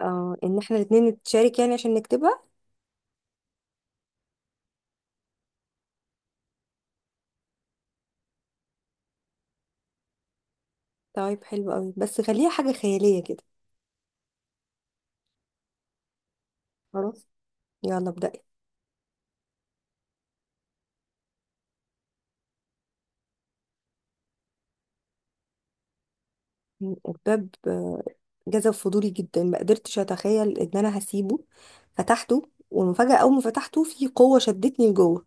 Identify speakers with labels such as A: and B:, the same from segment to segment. A: اه، ان احنا الاتنين نتشارك يعني عشان نكتبها. طيب حلو قوي، بس خليها حاجة خيالية كده. خلاص، يلا ابدأي. الباب جذب فضولي جدا، ما قدرتش اتخيل ان انا هسيبه. فتحته، ومفاجأة اول ما فتحته في قوة شدتني لجوه.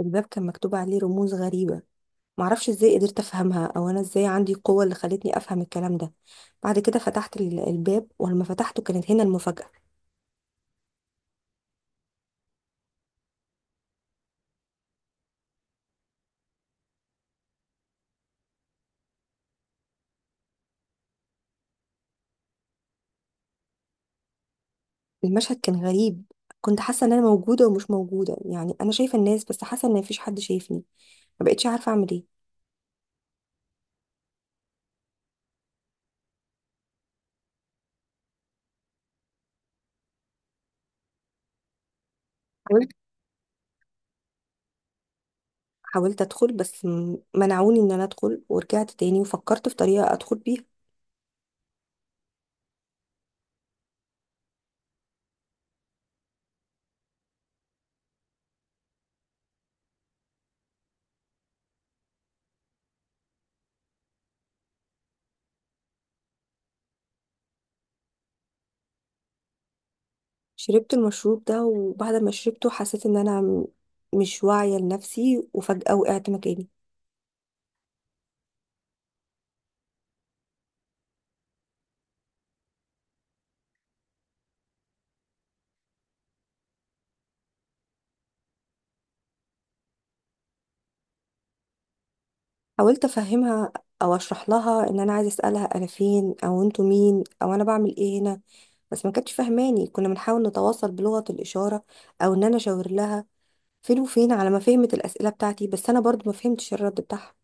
A: الباب كان مكتوب عليه رموز غريبة، معرفش ازاي قدرت افهمها او انا ازاي عندي القوة اللي خلتني افهم الكلام ده. بعد كده فتحت الباب، ولما فتحته كانت هنا المفاجأة. المشهد كان غريب، كنت حاسه ان انا موجوده ومش موجوده، يعني انا شايفه الناس بس حاسه ان مفيش حد شايفني. ما بقتش عارفه اعمل ايه. حاولت حاولت ادخل بس منعوني ان انا ادخل، ورجعت تاني وفكرت في طريقه ادخل بيها. شربت المشروب ده وبعد ما شربته حسيت ان انا مش واعيه لنفسي، وفجاه وقعت مكاني. حاولت افهمها او اشرح لها ان انا عايزه اسالها انا فين، او انتوا مين، او انا بعمل ايه هنا، بس ما كانتش فاهماني. كنا بنحاول نتواصل بلغه الاشاره او ان انا اشاور لها فين وفين، على ما فهمت الأسئلة بتاعتي بس أنا برضو ما فهمتش الرد بتاعها.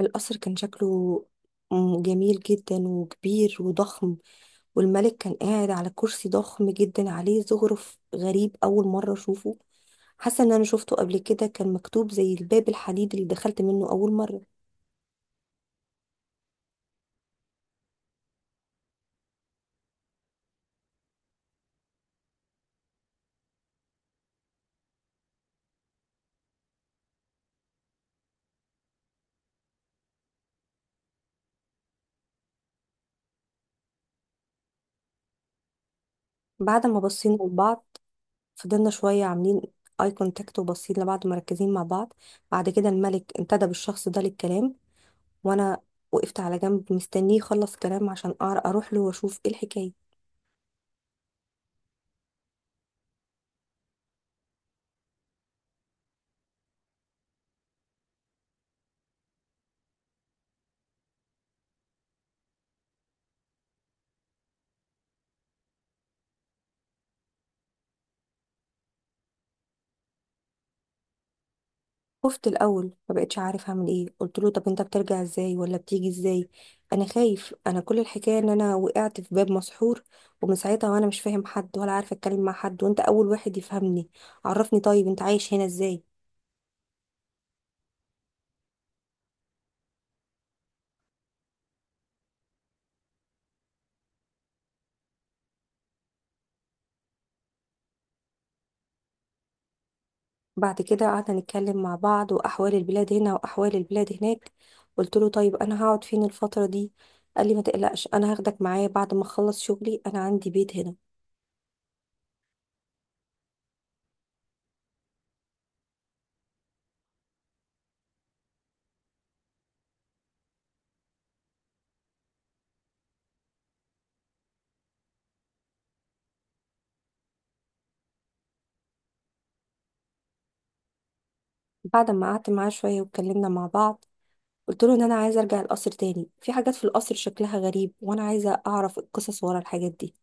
A: القصر كان شكله جميل جدا وكبير وضخم، والملك كان قاعد على كرسي ضخم جدا عليه زخرف غريب أول مرة أشوفه. حاسة إن أنا شفته قبل كده، كان مكتوب زي الباب الحديد اللي دخلت منه أول مرة. بعد ما بصينا لبعض فضلنا شوية عاملين اي كونتاكت وباصين لبعض مركزين مع بعض. بعد كده الملك انتدب الشخص ده للكلام، وانا وقفت على جنب مستنيه يخلص كلام عشان أعرف اروح له واشوف ايه الحكايه. خفت الاول، ما بقتش عارف اعمل ايه. قلت له طب انت بترجع ازاي ولا بتيجي ازاي؟ انا خايف، انا كل الحكايه ان انا وقعت في باب مسحور، ومن ساعتها وانا مش فاهم حد ولا عارفه اتكلم مع حد، وانت اول واحد يفهمني. عرفني، طيب انت عايش هنا ازاي؟ بعد كده قعدنا نتكلم مع بعض، واحوال البلاد هنا واحوال البلاد هناك. قلت له طيب انا هقعد فين الفتره دي؟ قال لي ما تقلقش، انا هاخدك معايا بعد ما اخلص شغلي، انا عندي بيت هنا. بعد ما قعدت معاه شوية واتكلمنا مع بعض، قلت له ان انا عايزة ارجع القصر تاني، في حاجات في القصر شكلها غريب وانا عايزة اعرف القصص ورا الحاجات دي.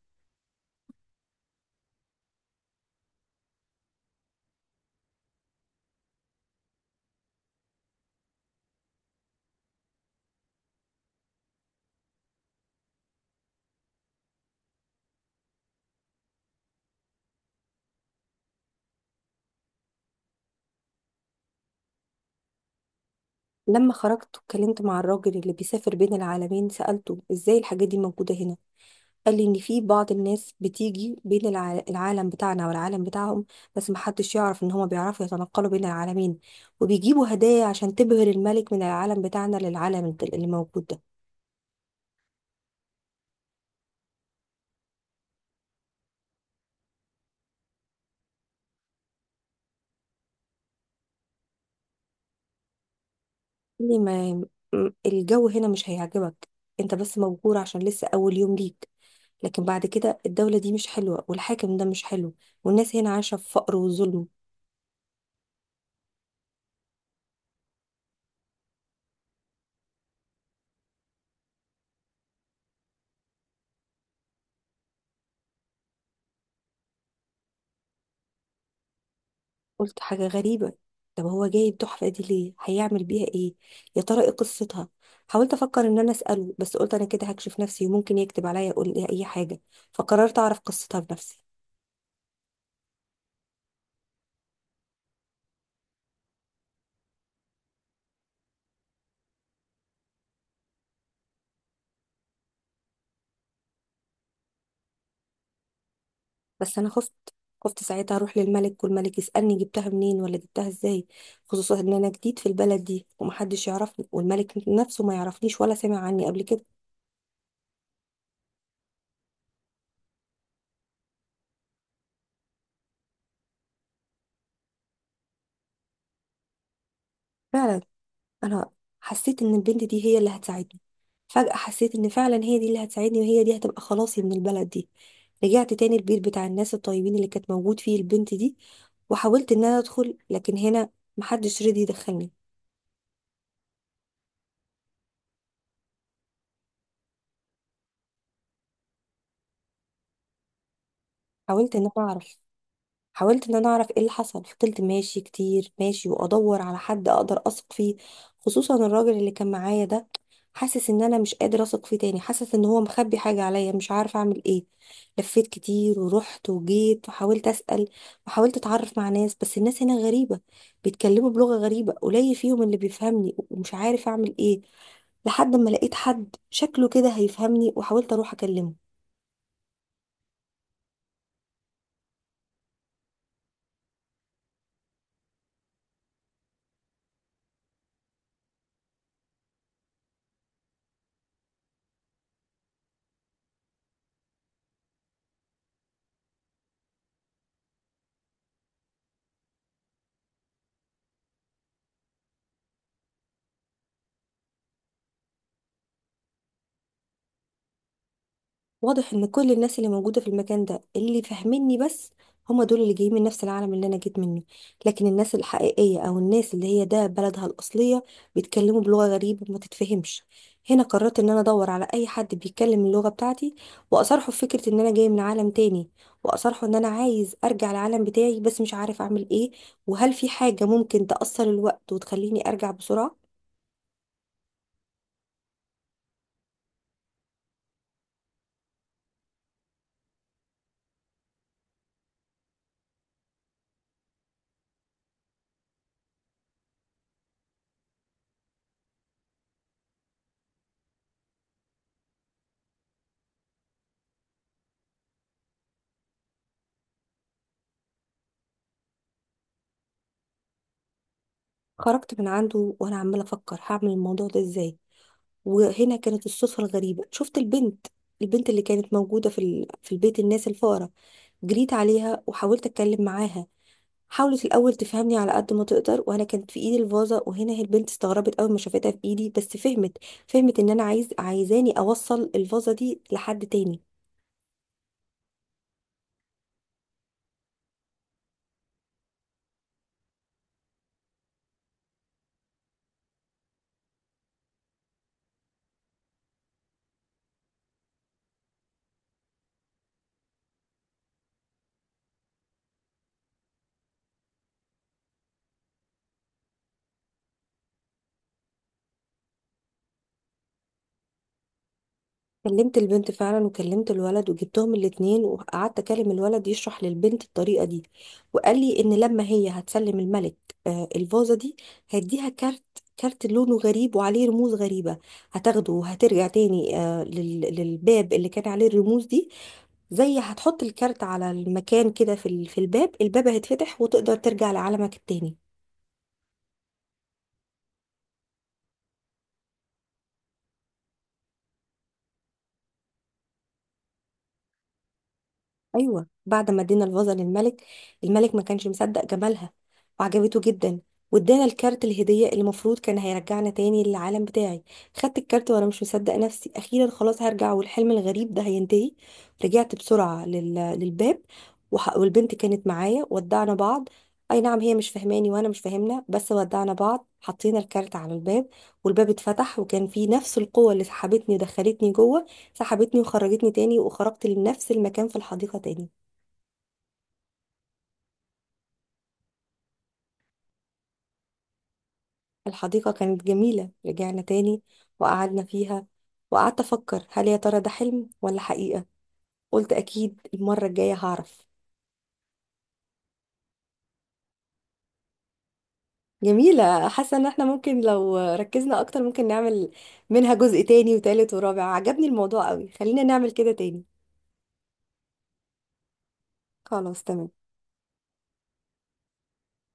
A: لما خرجت واتكلمت مع الراجل اللي بيسافر بين العالمين، سألته ازاي الحاجات دي موجودة هنا. قال لي ان في بعض الناس بتيجي بين العالم بتاعنا والعالم بتاعهم، بس محدش يعرف ان هما بيعرفوا يتنقلوا بين العالمين، وبيجيبوا هدايا عشان تبهر الملك من العالم بتاعنا للعالم اللي موجود ده. لي ما الجو هنا مش هيعجبك، انت بس مبهور عشان لسه اول يوم ليك، لكن بعد كده الدولة دي مش حلوة والحاكم ده مش حلو، والناس هنا عايشة في فقر وظلم. قلت حاجة غريبة، طب هو جايب تحفة دي ليه؟ هيعمل بيها ايه؟ يا ترى ايه قصتها؟ حاولت افكر ان انا اسأله، بس قلت انا كده هكشف نفسي وممكن يكتب عليا يقول لي اي حاجة. فقررت اعرف قصتها بنفسي. بس انا خفت، خفت ساعتها اروح للملك والملك يسالني جبتها منين ولا جبتها ازاي، خصوصا ان انا جديد في البلد دي ومحدش يعرفني والملك نفسه ما يعرفنيش ولا سمع عني قبل كده. فعلا، انا حسيت ان البنت دي هي اللي هتساعدني. فجاه حسيت ان فعلا هي دي اللي هتساعدني، وهي دي هتبقى خلاصي من البلد دي. رجعت تاني البيت بتاع الناس الطيبين اللي كانت موجود فيه البنت دي، وحاولت ان انا ادخل، لكن هنا محدش رضي يدخلني. حاولت ان انا اعرف. حاولت ان انا اعرف ايه اللي حصل. فضلت ماشي كتير، ماشي وادور على حد اقدر اثق فيه، خصوصا الراجل اللي كان معايا ده، حاسس ان انا مش قادر اثق فيه تاني. حاسس ان هو مخبي حاجة عليا، مش عارفة اعمل ايه. لفيت كتير ورحت وجيت وحاولت اسأل، وحاولت اتعرف مع ناس، بس الناس هنا غريبة، بيتكلموا بلغة غريبة، قليل فيهم اللي بيفهمني ومش عارف اعمل ايه. لحد ما لقيت حد شكله كده هيفهمني، وحاولت اروح اكلمه. واضح ان كل الناس اللي موجودة في المكان ده اللي فاهميني، بس هم دول اللي جايين من نفس العالم اللي انا جيت منه. لكن الناس الحقيقية او الناس اللي هي ده بلدها الاصلية بيتكلموا بلغة غريبة ما تتفهمش. هنا قررت ان انا ادور على اي حد بيتكلم اللغة بتاعتي واصارحه في فكرة ان انا جاي من عالم تاني، واصارحه ان انا عايز ارجع العالم بتاعي بس مش عارف اعمل ايه، وهل في حاجة ممكن تأثر الوقت وتخليني ارجع بسرعة. خرجت من عنده وانا عمالة افكر هعمل الموضوع ده ازاي. وهنا كانت الصدفة الغريبة، شفت البنت، البنت اللي كانت موجودة في في البيت الناس الفقراء. جريت عليها وحاولت أتكلم معاها. حاولت الأول تفهمني على قد ما تقدر، وأنا كانت في إيدي الفازة، وهنا هي البنت استغربت أول ما شافتها في إيدي، بس فهمت. فهمت إن أنا عايزاني أوصل الفازة دي لحد تاني. كلمت البنت فعلا وكلمت الولد وجبتهم الاتنين وقعدت اكلم الولد يشرح للبنت الطريقة دي. وقال لي ان لما هي هتسلم الملك الفازة دي، هيديها كارت. كارت لونه غريب وعليه رموز غريبة. هتاخده وهترجع تاني للباب اللي كان عليه الرموز دي. زي هتحط الكارت على المكان كده في في الباب، الباب هيتفتح وتقدر ترجع لعالمك التاني. ايوه، بعد ما ادينا الفازه للملك، الملك ما كانش مصدق جمالها وعجبته جدا، وادانا الكارت الهديه اللي المفروض كان هيرجعنا تاني للعالم بتاعي. خدت الكارت وانا مش مصدق نفسي، اخيرا خلاص هرجع والحلم الغريب ده هينتهي. رجعت بسرعه للباب، والبنت كانت معايا، ودعنا بعض. اي نعم هي مش فاهماني وانا مش فاهمنا، بس ودعنا بعض. حطينا الكارت على الباب، والباب اتفتح وكان فيه نفس القوة اللي سحبتني ودخلتني جوه، سحبتني وخرجتني تاني، وخرجت لنفس المكان في الحديقة تاني. الحديقة كانت جميلة، رجعنا تاني وقعدنا فيها، وقعدت أفكر هل يا ترى ده حلم ولا حقيقة. قلت أكيد المرة الجاية هعرف. جميلة، حاسة إن احنا ممكن لو ركزنا أكتر ممكن نعمل منها جزء تاني وتالت ورابع، عجبني الموضوع قوي، خلينا نعمل كده تاني. خلاص تمام.